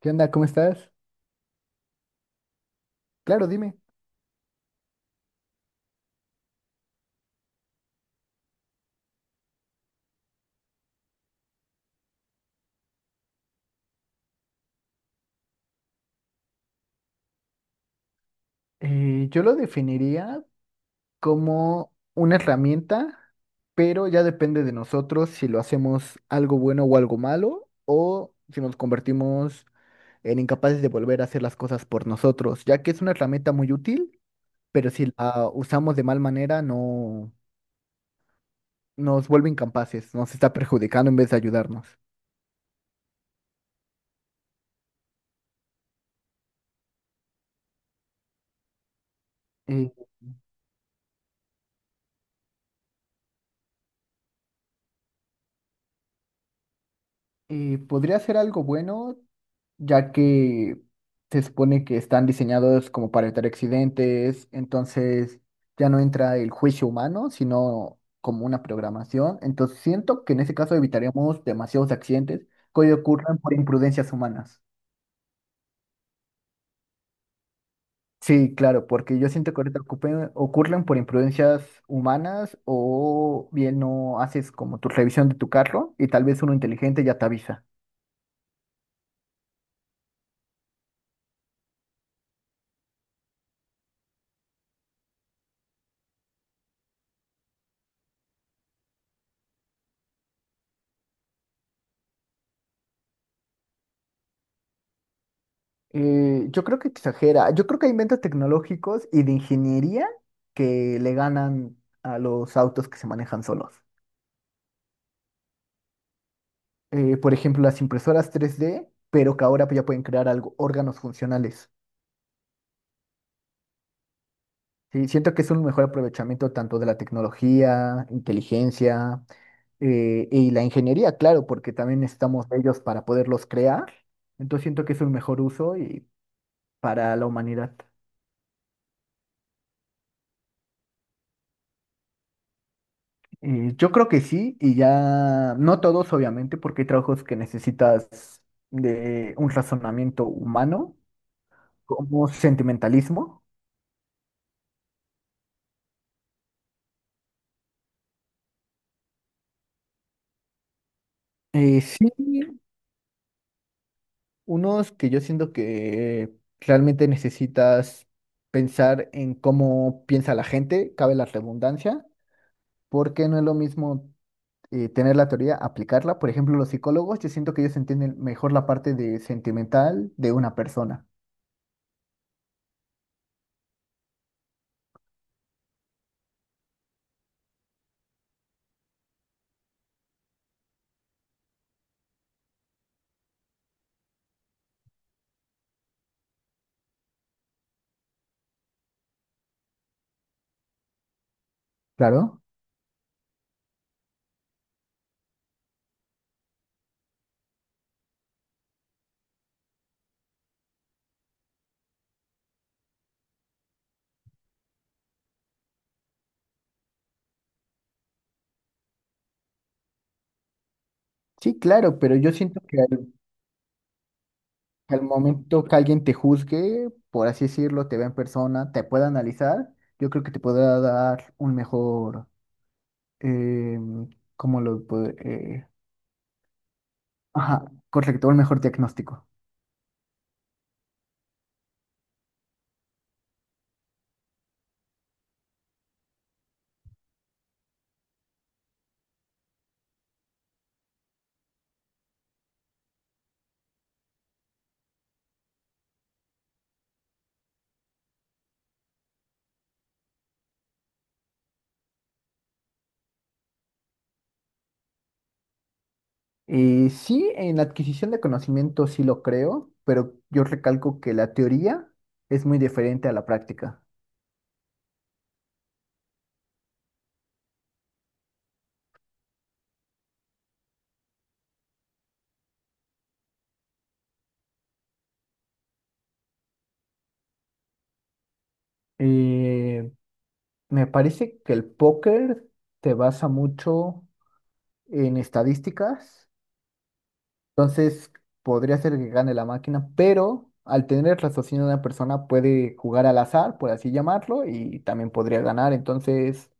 ¿Qué onda? ¿Cómo estás? Claro, dime. Yo lo definiría como una herramienta, pero ya depende de nosotros si lo hacemos algo bueno o algo malo, o si nos convertimos en incapaces de volver a hacer las cosas por nosotros, ya que es una herramienta muy útil, pero si la usamos de mal manera, no nos vuelve incapaces, nos está perjudicando en vez de ayudarnos. Eh, podría ser algo bueno ya que se supone que están diseñados como para evitar accidentes, entonces ya no entra el juicio humano, sino como una programación. Entonces siento que en ese caso evitaríamos demasiados accidentes que hoy ocurren por imprudencias humanas. Sí, claro, porque yo siento que ahorita ocurren por imprudencias humanas o bien no haces como tu revisión de tu carro y tal vez uno inteligente ya te avisa. Yo creo que exagera. Yo creo que hay inventos tecnológicos y de ingeniería que le ganan a los autos que se manejan solos. Por ejemplo, las impresoras 3D, pero que ahora ya pueden crear algo, órganos funcionales. Sí, siento que es un mejor aprovechamiento tanto de la tecnología, inteligencia y la ingeniería, claro, porque también necesitamos de ellos para poderlos crear. Entonces siento que es un mejor uso y para la humanidad. Yo creo que sí, y ya, no todos obviamente, porque hay trabajos que necesitas de un razonamiento humano, como sentimentalismo. Sí, unos que yo siento que realmente necesitas pensar en cómo piensa la gente, cabe la redundancia, porque no es lo mismo tener la teoría, aplicarla. Por ejemplo, los psicólogos, yo siento que ellos entienden mejor la parte de sentimental de una persona. Claro. Sí, claro, pero yo siento que al momento que alguien te juzgue, por así decirlo, te vea en persona, te pueda analizar, yo creo que te podrá dar un mejor, eh, ¿cómo lo puedo? Ajá, correcto, un mejor diagnóstico. Sí, en la adquisición de conocimiento sí lo creo, pero yo recalco que la teoría es muy diferente a la práctica. Eh, me parece que el póker te basa mucho en estadísticas. Entonces, podría ser que gane la máquina, pero al tener el raciocinio de una persona puede jugar al azar, por así llamarlo, y también podría ganar. Entonces,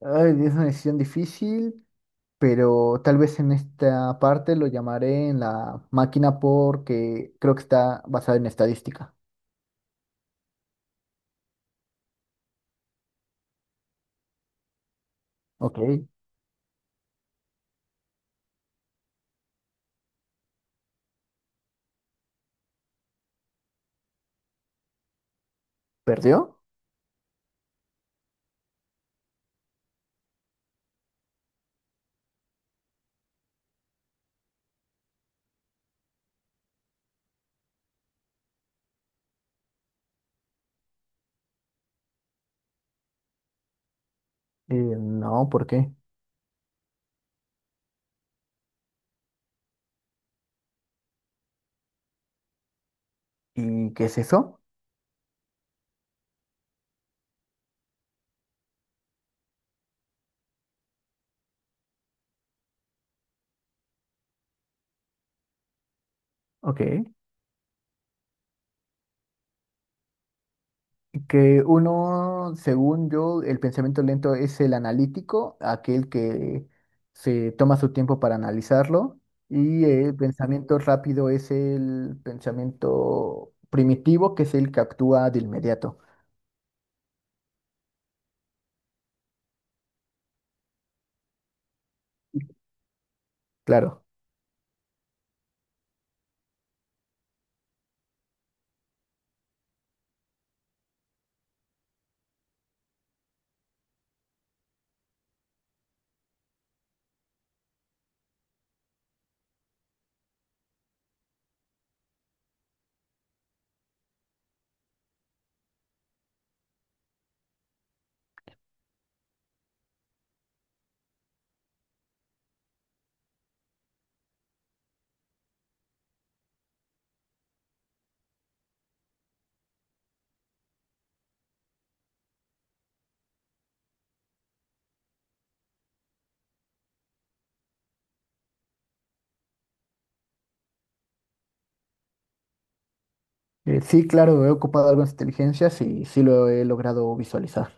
ay, es una decisión difícil, pero tal vez en esta parte lo llamaré en la máquina porque creo que está basada en estadística. Ok, ¿perdió? No, ¿por qué? ¿Y qué es eso? Ok. Que uno, según yo, el pensamiento lento es el analítico, aquel que se toma su tiempo para analizarlo, y el pensamiento rápido es el pensamiento primitivo, que es el que actúa de inmediato. Claro. Sí, claro, he ocupado algunas inteligencias y sí lo he logrado visualizar.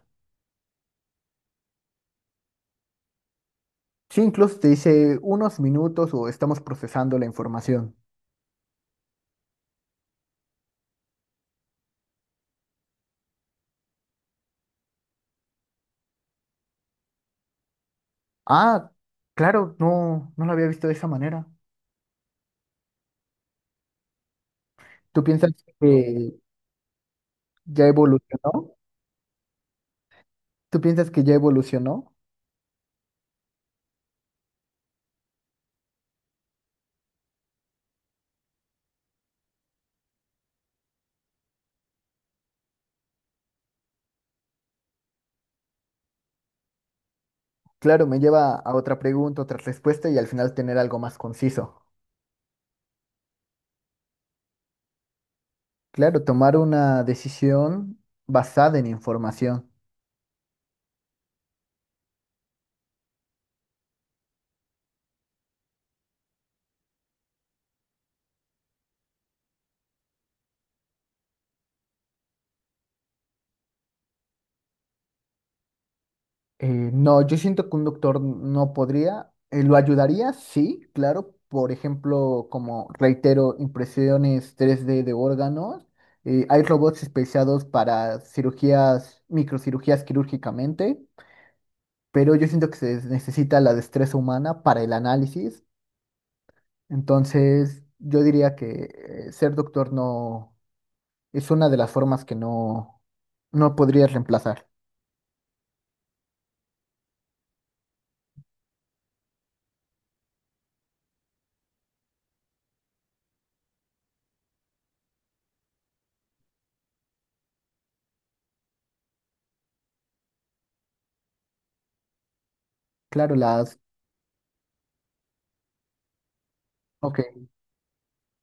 Sí, incluso te dice unos minutos o estamos procesando la información. Ah, claro, no, no lo había visto de esa manera. ¿Tú piensas que... ¿Ya evolucionó? ¿Tú piensas que ya evolucionó? Claro, me lleva a otra pregunta, otra respuesta y al final tener algo más conciso. Claro, tomar una decisión basada en información. No, yo siento que un doctor no podría. ¿Lo ayudaría? Sí, claro. Por ejemplo, como reitero, impresiones 3D de órganos. Hay robots especializados para cirugías, microcirugías quirúrgicamente, pero yo siento que se necesita la destreza humana para el análisis. Entonces, yo diría que ser doctor no es una de las formas que no, no podrías reemplazar. Claro. Ok,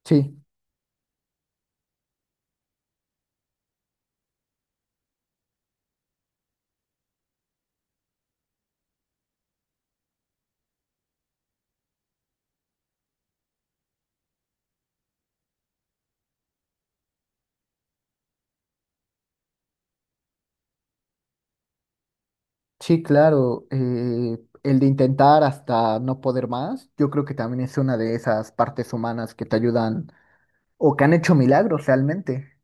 sí, sí, claro. El de intentar hasta no poder más, yo creo que también es una de esas partes humanas que te ayudan o que han hecho milagros realmente.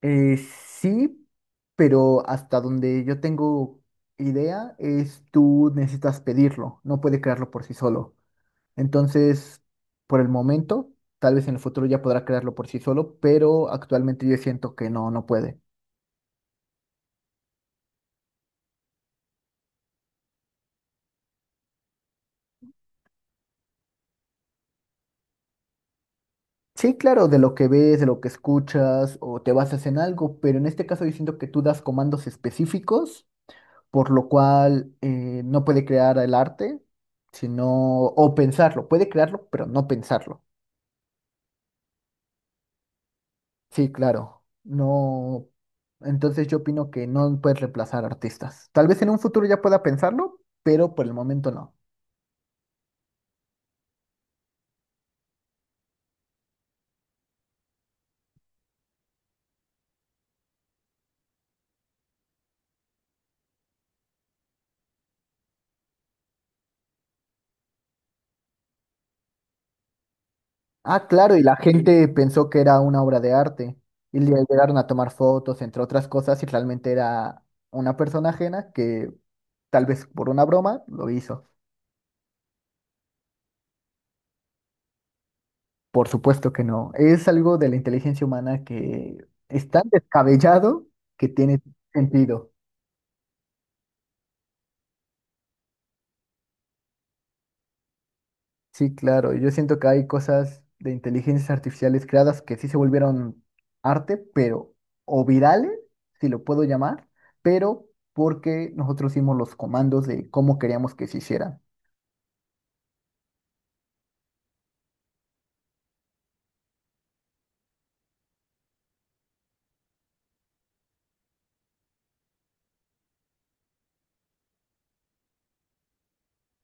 Eh, sí, pero hasta donde yo tengo idea es tú necesitas pedirlo, no puede crearlo por sí solo. Entonces, por el momento, tal vez en el futuro ya podrá crearlo por sí solo, pero actualmente yo siento que no, no puede. Sí, claro, de lo que ves, de lo que escuchas o te basas en algo, pero en este caso yo siento que tú das comandos específicos, por lo cual no puede crear el arte, sino, o pensarlo, puede crearlo, pero no pensarlo. Sí, claro, no. Entonces yo opino que no puedes reemplazar artistas. Tal vez en un futuro ya pueda pensarlo, pero por el momento no. Ah, claro, y la gente pensó que era una obra de arte. Y le llegaron a tomar fotos, entre otras cosas, y realmente era una persona ajena que tal vez por una broma lo hizo. Por supuesto que no. Es algo de la inteligencia humana que es tan descabellado que tiene sentido. Sí, claro. Yo siento que hay cosas de inteligencias artificiales creadas que sí se volvieron arte, pero, o virales, si lo puedo llamar, pero porque nosotros hicimos los comandos de cómo queríamos que se hicieran.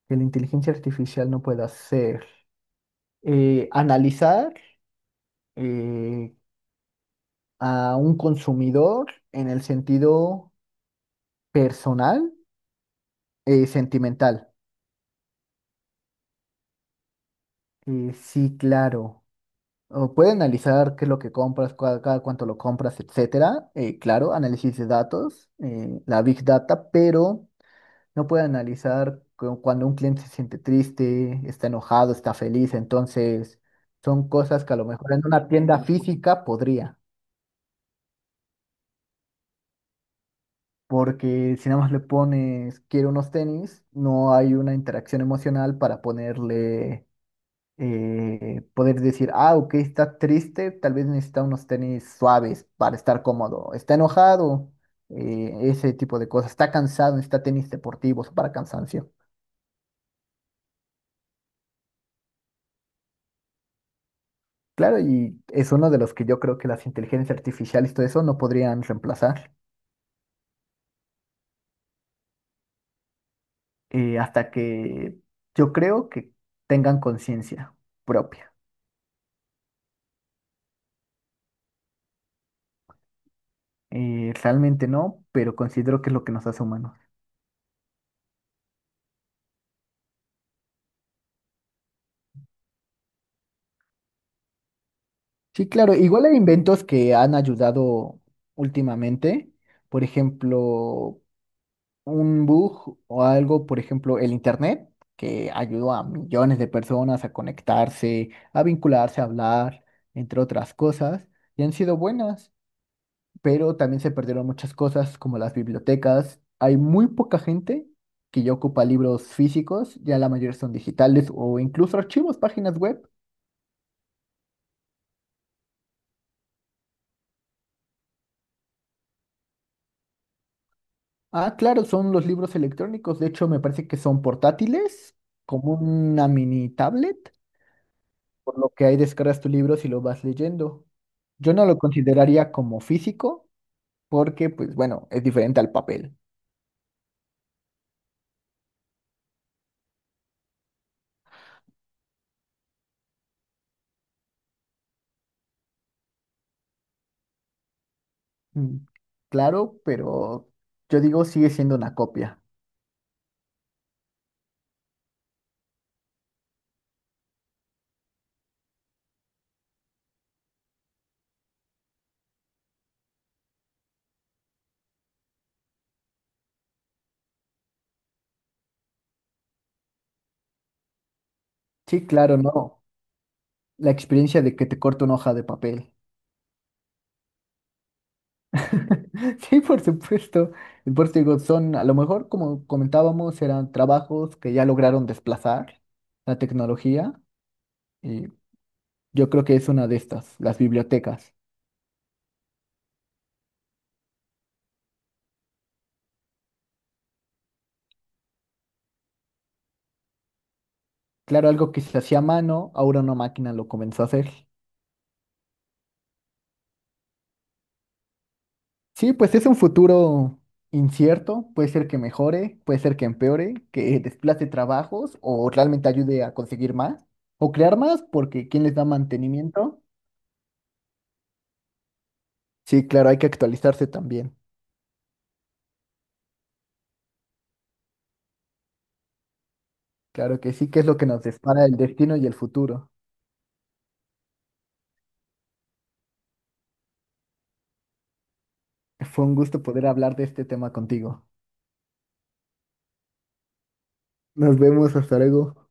Que la inteligencia artificial no puede hacer analizar eh, a un consumidor en el sentido personal, sentimental. Sí, claro. O puede analizar qué es lo que compras, cada cuánto lo compras, etcétera. Claro, análisis de datos, la big data, pero no puede analizar cuando un cliente se siente triste, está enojado, está feliz. Entonces, son cosas que a lo mejor en una tienda física podría, porque si nada más le pones quiero unos tenis, no hay una interacción emocional para ponerle poder decir, ah, ok, está triste, tal vez necesita unos tenis suaves para estar cómodo, está enojado, ese tipo de cosas, está cansado, necesita tenis deportivos para cansancio. Claro, y es uno de los que yo creo que las inteligencias artificiales y todo eso no podrían reemplazar hasta que yo creo que tengan conciencia propia. Realmente no, pero considero que es lo que nos hace humanos. Sí, claro, igual hay inventos que han ayudado últimamente, por ejemplo, un bug o algo, por ejemplo, el Internet, que ayudó a millones de personas a conectarse, a vincularse, a hablar, entre otras cosas, y han sido buenas, pero también se perdieron muchas cosas como las bibliotecas. Hay muy poca gente que ya ocupa libros físicos, ya la mayoría son digitales o incluso archivos, páginas web. Ah, claro, son los libros electrónicos. De hecho, me parece que son portátiles, como una mini tablet, por lo que ahí descargas tu libro y lo vas leyendo. Yo no lo consideraría como físico, porque, pues bueno, es diferente al papel. Mm, claro, pero yo digo, sigue siendo una copia. Sí, claro, no. La experiencia de que te corto una hoja de papel. Sí, por supuesto. Y por eso digo, son, a lo mejor, como comentábamos, eran trabajos que ya lograron desplazar la tecnología. Y yo creo que es una de estas, las bibliotecas. Claro, algo que se hacía a mano, ahora una máquina lo comenzó a hacer. Sí, pues es un futuro incierto, puede ser que mejore, puede ser que empeore, que desplace trabajos o realmente ayude a conseguir más o crear más, porque ¿quién les da mantenimiento? Sí, claro, hay que actualizarse también. Claro que sí, que es lo que nos depara el destino y el futuro. Fue un gusto poder hablar de este tema contigo. Nos vemos, hasta luego.